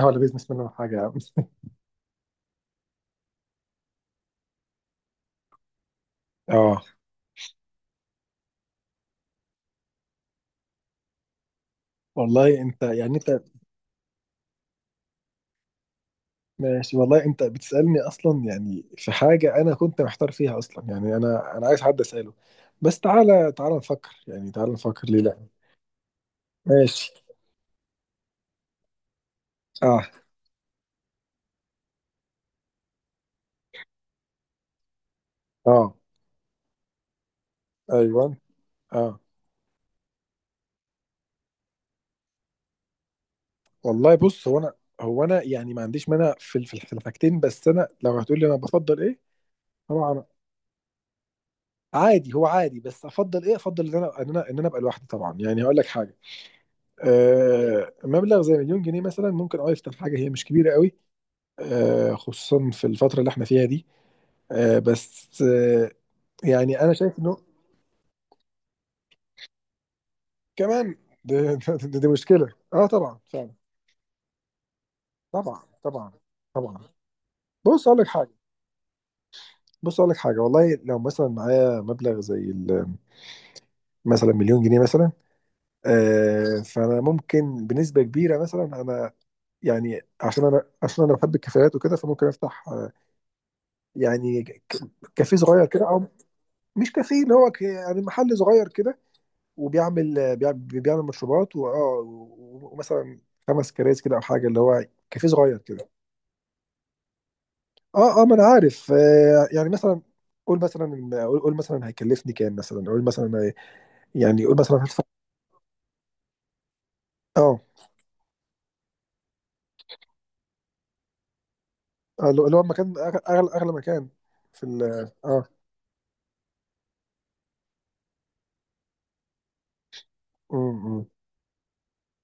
اه، ولا بيزنس منه حاجة يا عم. اه، والله انت ماشي، والله انت بتسألني اصلا، يعني في حاجة انا كنت محتار فيها اصلا، يعني انا عايز حد اسأله، بس تعالى نفكر، يعني تعالى نفكر، ليه لا؟ ماشي. اه. اه. ايوه. اه. والله بص، هو انا يعني ما عنديش مانع في في الحاجتين، بس انا لو هتقول لي انا بفضل ايه؟ طبعا. عادي، هو عادي، بس افضل ايه؟ افضل ان انا ابقى لوحدي، طبعا. يعني هقول لك حاجة، مبلغ زي مليون جنيه مثلا ممكن اه يفتح حاجه هي مش كبيره قوي، خصوصا في الفتره اللي احنا فيها دي. بس يعني انا شايف انه كمان دي, دي مشكله، اه طبعا فعلا. طبعا. طبعا. طبعا. بص اقول لك حاجه. والله لو مثلا معايا مبلغ زي ال- مثلا مليون جنيه مثلا، فانا ممكن بنسبه كبيره مثلا انا، يعني عشان انا بحب الكافيهات وكده، فممكن افتح يعني ك- كافيه صغير كده. مش كافيه، اللي هو يعني محل صغير كده، وبيعمل بيعمل, بيعمل مشروبات و ومثلا خمس كراسي كده، او حاجه اللي هو كافيه صغير كده. اه. اه، ما انا عارف. آه، يعني مثلا قول مثلا، قول مثلا هيكلفني كام مثلا، قول مثلا يعني قول مثلا هدفع. اه. اللي هو المكان، اغلى مكان في ال... اه. امم.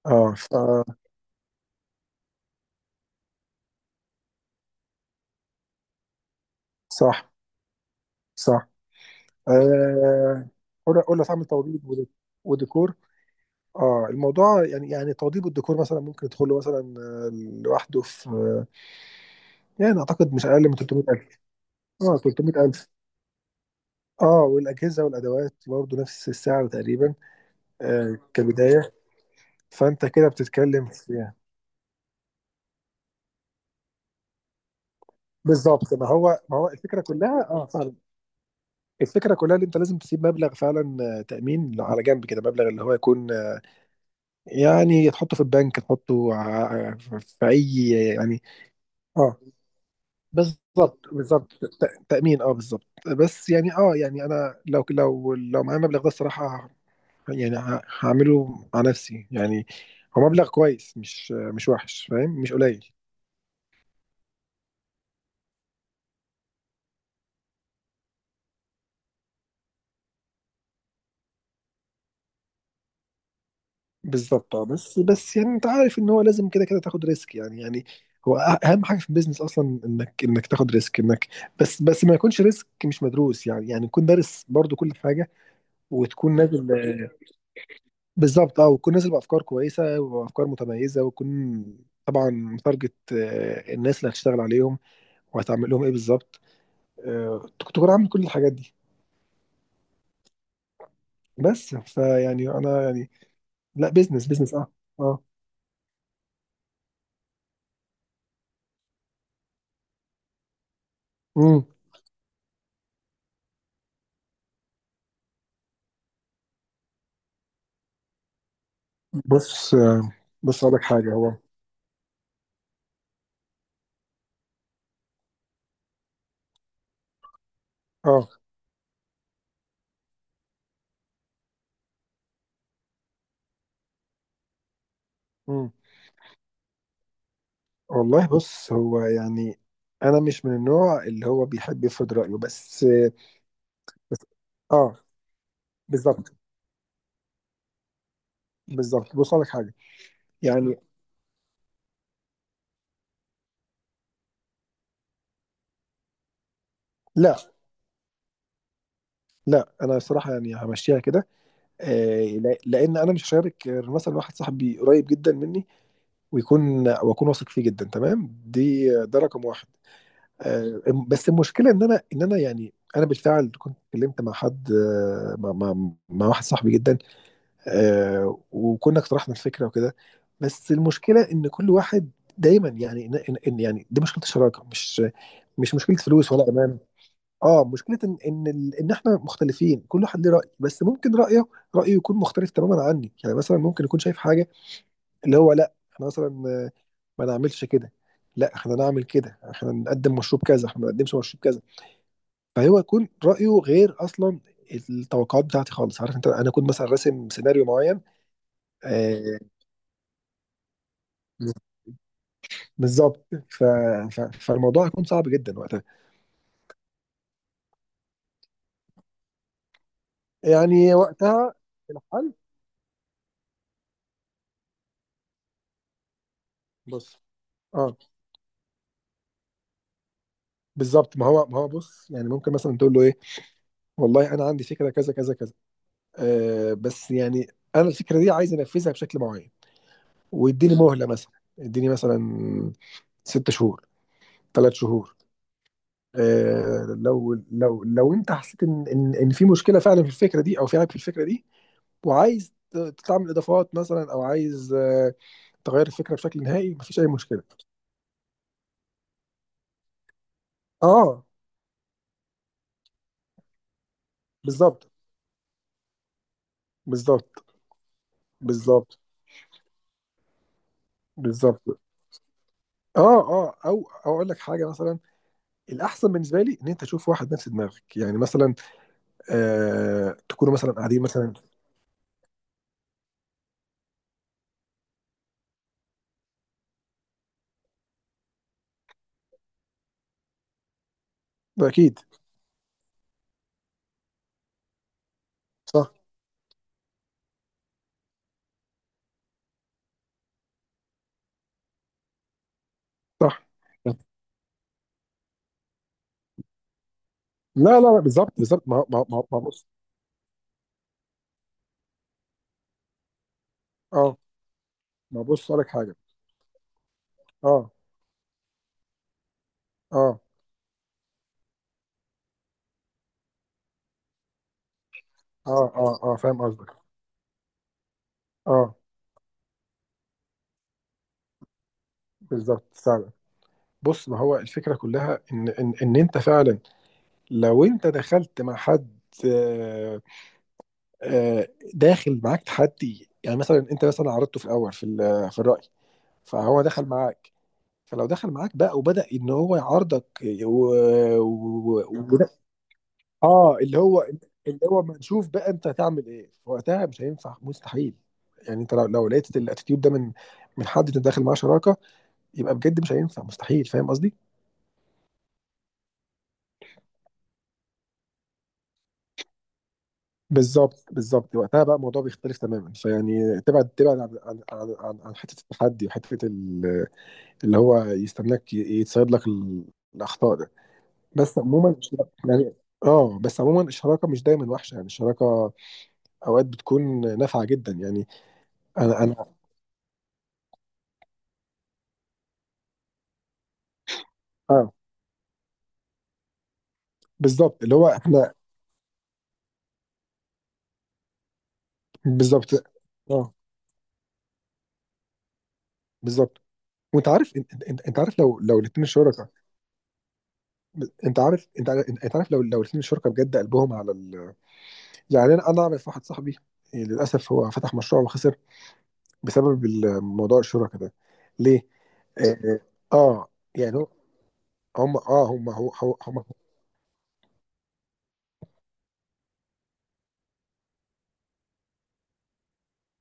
اه ف-. صح. صح. آه. قول، هتعمل توضيب وديكور. اه. الموضوع يعني توضيب الديكور مثلا ممكن يدخل له مثلا لوحده في يعني اعتقد مش اقل من 300,000. اه، 300,000. اه، والاجهزه والادوات برضه نفس السعر تقريبا. كبدايه. فانت كده بتتكلم في... بالظبط. ما هو الفكره كلها، اه فعلا. الفكره كلها اللي انت لازم تسيب مبلغ فعلا، تامين على جنب كده، مبلغ اللي هو يكون يعني تحطه في البنك، تحطه في اي... يعني اه. بالظبط. بالظبط تأمين. اه بالظبط. بس يعني اه، يعني انا لو معايا المبلغ ده الصراحة يعني هعمله مع نفسي يعني. هو مبلغ كويس، مش مش وحش، فاهم، مش قليل. بالظبط. اه. بس يعني انت عارف ان هو لازم كده كده تاخد ريسك، يعني يعني هو اهم حاجة في البيزنس اصلا انك تاخد ريسك، انك... بس ما يكونش ريسك مش مدروس، يعني يعني تكون دارس برضو كل حاجة، وتكون نازل. بالظبط. اه، وتكون نازل بافكار كويسه، وافكار متميزه، وتكون طبعا متارجت الناس اللي هتشتغل عليهم، وهتعمل لهم ايه بالظبط، تكون عامل كل الحاجات دي. بس فيعني انا يعني، لا بيزنس بيزنس اه. اه. امم. بص بص اقول لك حاجه. هو اه. امم. والله بص، هو يعني انا مش من النوع اللي هو بيحب يفرض رايه، بس بس اه. بالظبط. بالظبط. بص اقول لك حاجه، يعني لا لا، انا الصراحه يعني همشيها كده، لان انا مش هشارك غير مثلا واحد صاحبي قريب جدا مني، ويكون، واكون واثق فيه جدا تمام، دي ده رقم واحد. آه، بس المشكله ان انا يعني انا بالفعل كنت اتكلمت مع حد، مع واحد صاحبي جدا، وكنا اقترحنا الفكره وكده، بس المشكله ان كل واحد دايما يعني، يعني دي مشكله الشراكه، مش مش مشكله فلوس ولا امان. اه، مشكله ان احنا مختلفين، كل واحد ليه راي، بس ممكن رايه، رايه يكون مختلف تماما عني. يعني مثلا ممكن يكون شايف حاجه اللي هو لا احنا مثلا ما نعملش كده، لا احنا نعمل كده، احنا نقدم مشروب كذا، احنا ما نقدمش مشروب كذا، فهو يكون رايه غير اصلا التوقعات بتاعتي خالص، عارف انت، انا كنت مثلا راسم سيناريو معين. آه. بالظبط. فالموضوع هيكون صعب جدا وقتها. يعني وقتها الحل. بص. اه بالظبط، ما هو بص، يعني ممكن مثلا تقول له ايه، والله انا عندي فكره كذا كذا كذا، آه بس يعني انا الفكره دي عايز انفذها بشكل معين، واديني مهله مثلا، اديني مثلا ست شهور، ثلاث شهور. آه، لو انت حسيت ان في مشكله فعلا في الفكره دي، او في عيب في الفكره دي، وعايز تعمل اضافات مثلا، او عايز آه تغير الفكره بشكل نهائي، مفيش اي مشكله. اه بالظبط. بالظبط. بالظبط. بالظبط. اه. اه، او اقول لك حاجه مثلا، الاحسن بالنسبه لي ان انت تشوف واحد نفس دماغك، يعني مثلا آه تكونوا مثلا قاعدين مثلا. اكيد. صح. صح. لا لا لا، بالظبط بالظبط. ما ما ما ما بص. اه، ما بص لك حاجه. اه. اه. اه. اه. اه، فاهم قصدك. اه بالظبط فعلا. بص، ما هو الفكره كلها ان انت فعلا لو انت دخلت مع حد، آه، آه، داخل معاك تحدي، يعني مثلا انت مثلا عرضته في الاول في في الراي، فهو دخل معاك. فلو دخل معاك بقى وبدأ ان هو يعارضك، و... يا نهار. اه، اللي هو ما نشوف بقى انت هتعمل ايه وقتها، مش هينفع مستحيل. يعني انت لو لقيت الاتيتيود ده من حد انت داخل معاه شراكه، يبقى بجد مش هينفع مستحيل، فاهم قصدي؟ بالظبط، بالظبط وقتها بقى الموضوع بيختلف تماما، فيعني تبعد عن عن حته التحدي، وحته اللي هو يستناك يتصيد لك الاخطاء. يعني اه، بس عموما الشراكه مش دايما وحشه، يعني الشراكه اوقات بتكون نافعه جدا، يعني. انا اه. بالظبط، اللي هو احنا. بالظبط. اه بالظبط. وانت عارف انت عارف لو لو الاثنين شركاء. انت عارف، انت عارف لو لو الاثنين شركاء بجد قلبهم على ال... يعني انا اعرف واحد صاحبي، يعني للاسف هو فتح مشروع وخسر بسبب الموضوع، الشركاء ده. ليه؟ اه, آه، يعني هم اه، هم هم.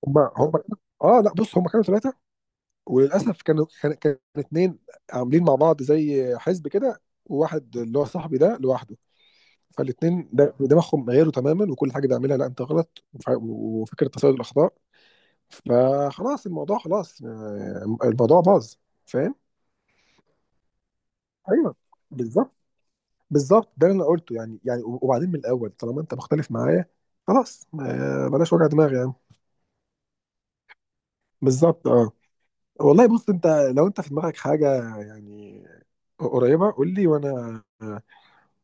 هم هم. اه لا، بص هم كانوا ثلاثه، وللاسف كانوا، كان اتنين عاملين مع بعض زي حزب كده، وواحد اللي هو صاحبي ده لوحده. فالاتنين دماغهم غيروا تماما، وكل حاجه بيعملها لا انت غلط، وفكره تصيد الاخطاء. فخلاص الموضوع، خلاص، الموضوع باظ، فاهم. ايوه. بالظبط. بالظبط، ده اللي انا قلته يعني، يعني وبعدين من الاول طالما انت مختلف معايا خلاص، بلاش وجع دماغ يعني. بالظبط اه. والله بص، انت لو انت في دماغك حاجه يعني قريبه قول لي، وانا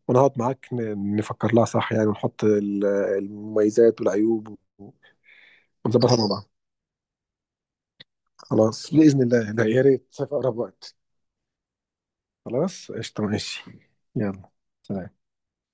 ونقعد معاك نفكر لها صح، يعني، ونحط المميزات والعيوب و ونظبطها مع بعض. خلاص بإذن الله، لا يا ريت في أقرب وقت. خلاص قشطة ماشي. يلا، سلام.